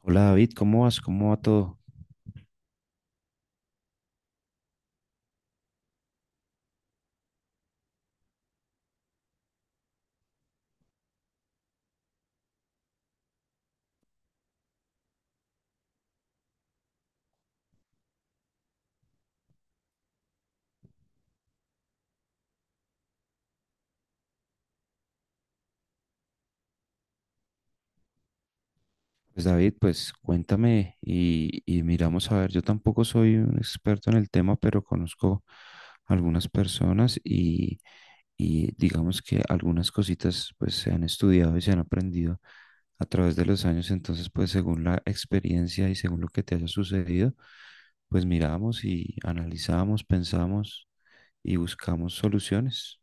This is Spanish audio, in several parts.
Hola David, ¿cómo vas? ¿Cómo va todo? Pues David, pues cuéntame y miramos a ver, yo tampoco soy un experto en el tema, pero conozco algunas personas y digamos que algunas cositas pues se han estudiado y se han aprendido a través de los años, entonces pues según la experiencia y según lo que te haya sucedido, pues miramos y analizamos, pensamos y buscamos soluciones.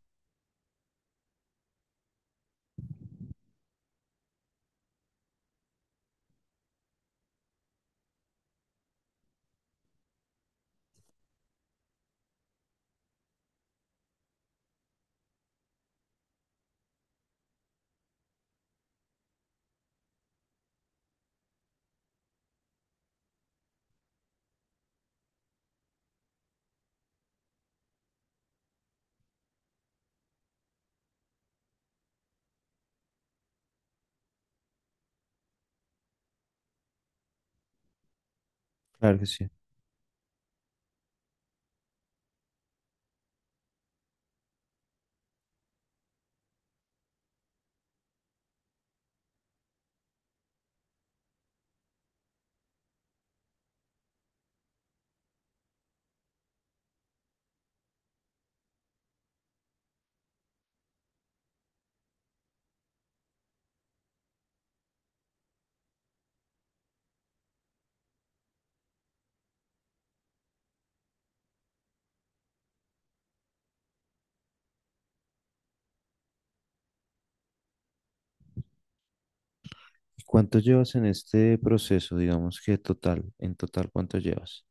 Claro que sí. ¿Y cuánto llevas en este proceso? Digamos que total, en total, ¿cuánto llevas?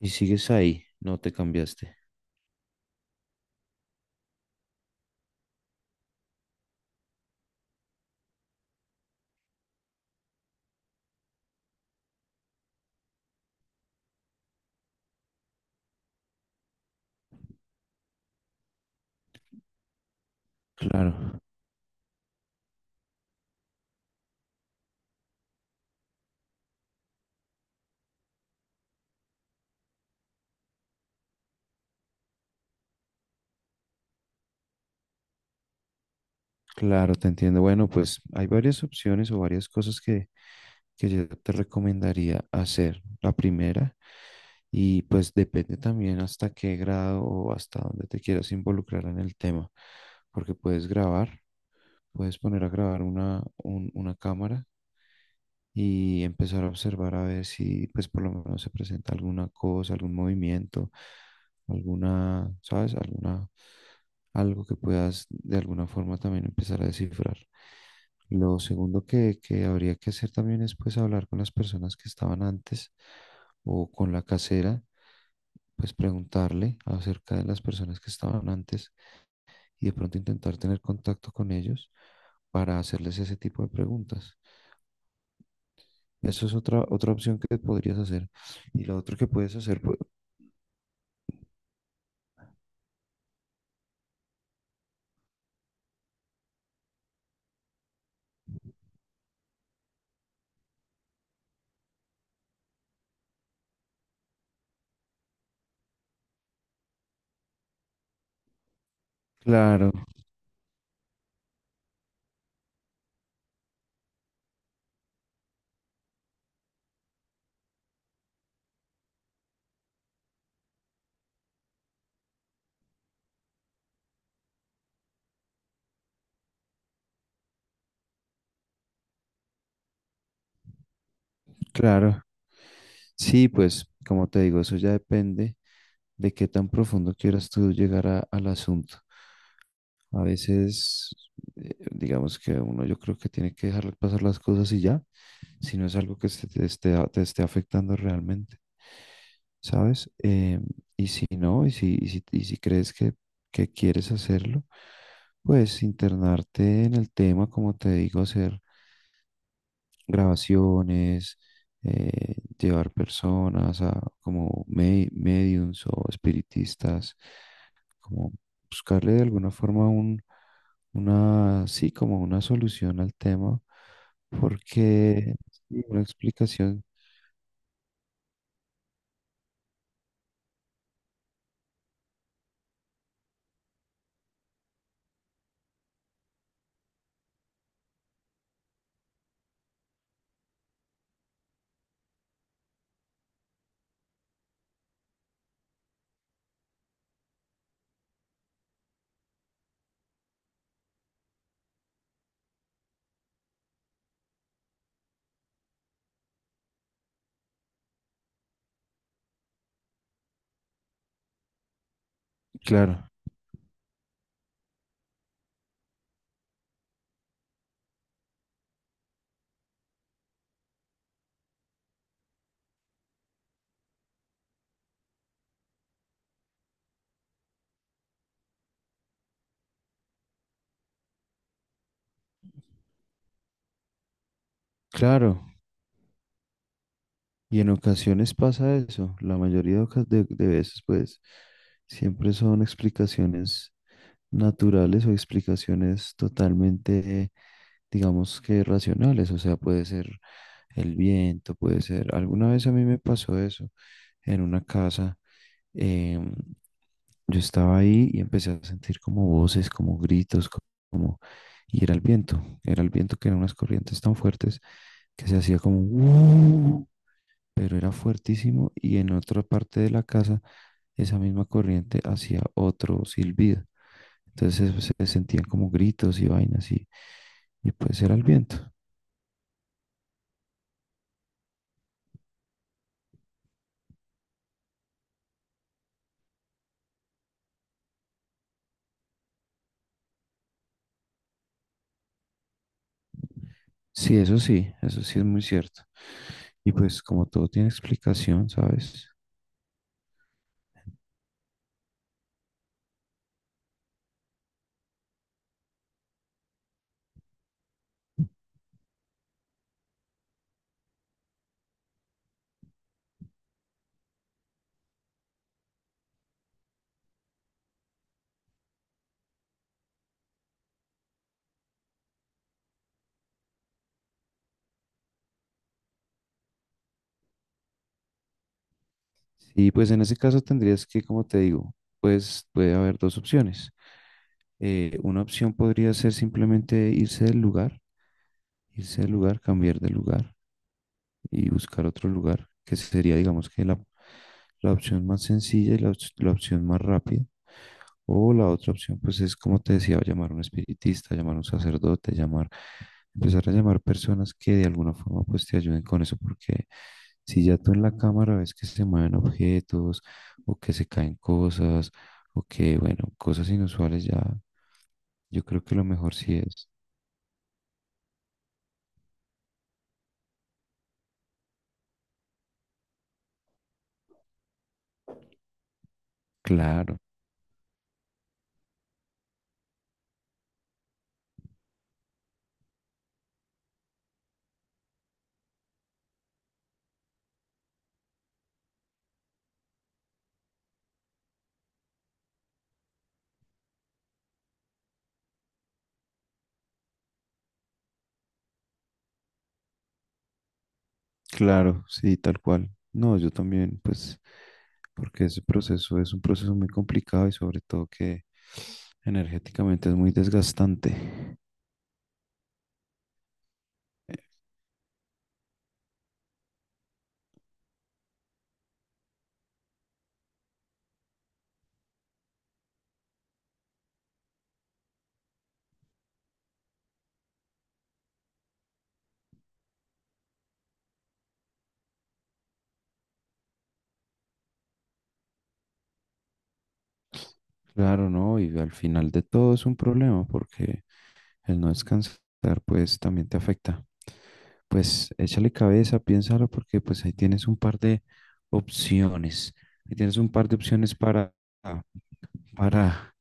Y sigues ahí, no te cambiaste. Claro, claro, te entiendo. Bueno, pues hay varias opciones o varias cosas que yo te recomendaría hacer. La primera, y pues depende también hasta qué grado o hasta dónde te quieras involucrar en el tema, porque puedes grabar, puedes poner a grabar una cámara y empezar a observar a ver si pues por lo menos se presenta alguna cosa, algún movimiento, alguna, ¿sabes? Alguna, algo que puedas de alguna forma también empezar a descifrar. Lo segundo que habría que hacer también es pues hablar con las personas que estaban antes o con la casera, pues preguntarle acerca de las personas que estaban antes y de pronto intentar tener contacto con ellos para hacerles ese tipo de preguntas. Eso es otra, otra opción que podrías hacer. Y lo otro que puedes hacer, pues, claro, claro. Sí, pues, como te digo, eso ya depende de qué tan profundo quieras tú llegar al asunto. A veces, digamos que uno yo creo que tiene que dejar pasar las cosas y ya, si no es algo que se te esté, te esté afectando realmente, ¿sabes? Y si no, y si crees que quieres hacerlo, pues internarte en el tema, como te digo, hacer grabaciones, llevar personas a como mediums o espiritistas, como buscarle de alguna forma una, sí, como una solución al tema, porque sí, una explicación, claro, claro, y en ocasiones pasa eso, la mayoría de, oca- de veces pues siempre son explicaciones naturales o explicaciones totalmente digamos que racionales, o sea, puede ser el viento, puede ser, alguna vez a mí me pasó eso en una casa, em, yo estaba ahí y empecé a sentir como voces, como gritos, como, y era el viento que eran unas corrientes tan fuertes que se hacía como, pero era fuertísimo y en otra parte de la casa esa misma corriente hacía otro silbido. Entonces se sentían como gritos y vainas y pues era el viento. Sí, eso sí, eso sí es muy cierto. Y pues como todo tiene explicación, ¿sabes? Y pues en ese caso tendrías que, como te digo, pues puede haber dos opciones. Una opción podría ser simplemente irse del lugar, cambiar de lugar y buscar otro lugar, que sería, digamos, que la opción más sencilla y la opción más rápida. O la otra opción, pues es como te decía, llamar a un espiritista, llamar a un sacerdote, llamar, empezar a llamar personas que de alguna forma pues te ayuden con eso, porque si ya tú en la cámara ves que se mueven objetos o que se caen cosas o que, bueno, cosas inusuales ya, yo creo que lo mejor sí es. Claro, claro, sí, tal cual. No, yo también, pues, porque ese proceso es un proceso muy complicado y sobre todo que energéticamente es muy desgastante. Eh, Claro, ¿no? Y al final de todo es un problema porque el no descansar, pues, también te afecta. Pues échale cabeza, piénsalo, porque pues ahí tienes un par de opciones. Ahí tienes un par de opciones para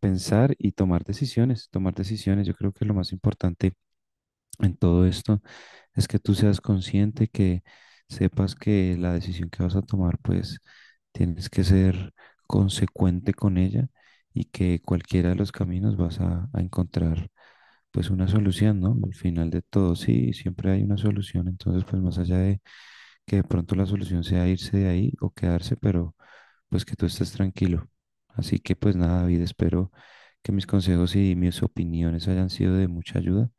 pensar y tomar decisiones. Tomar decisiones, yo creo que es lo más importante en todo esto es que tú seas consciente, que sepas que la decisión que vas a tomar, pues tienes que ser consecuente con ella y que cualquiera de los caminos vas a encontrar pues una solución, ¿no? Al final de todo, sí, siempre hay una solución, entonces pues más allá de que de pronto la solución sea irse de ahí o quedarse, pero pues que tú estés tranquilo. Así que pues nada, David, espero que mis consejos y mis opiniones hayan sido de mucha ayuda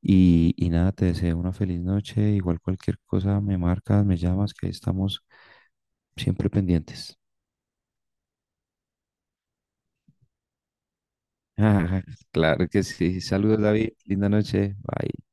y nada, te deseo una feliz noche. Igual cualquier cosa me marcas, me llamas, que ahí estamos siempre pendientes. Claro que sí. Saludos, David. Linda noche. Bye.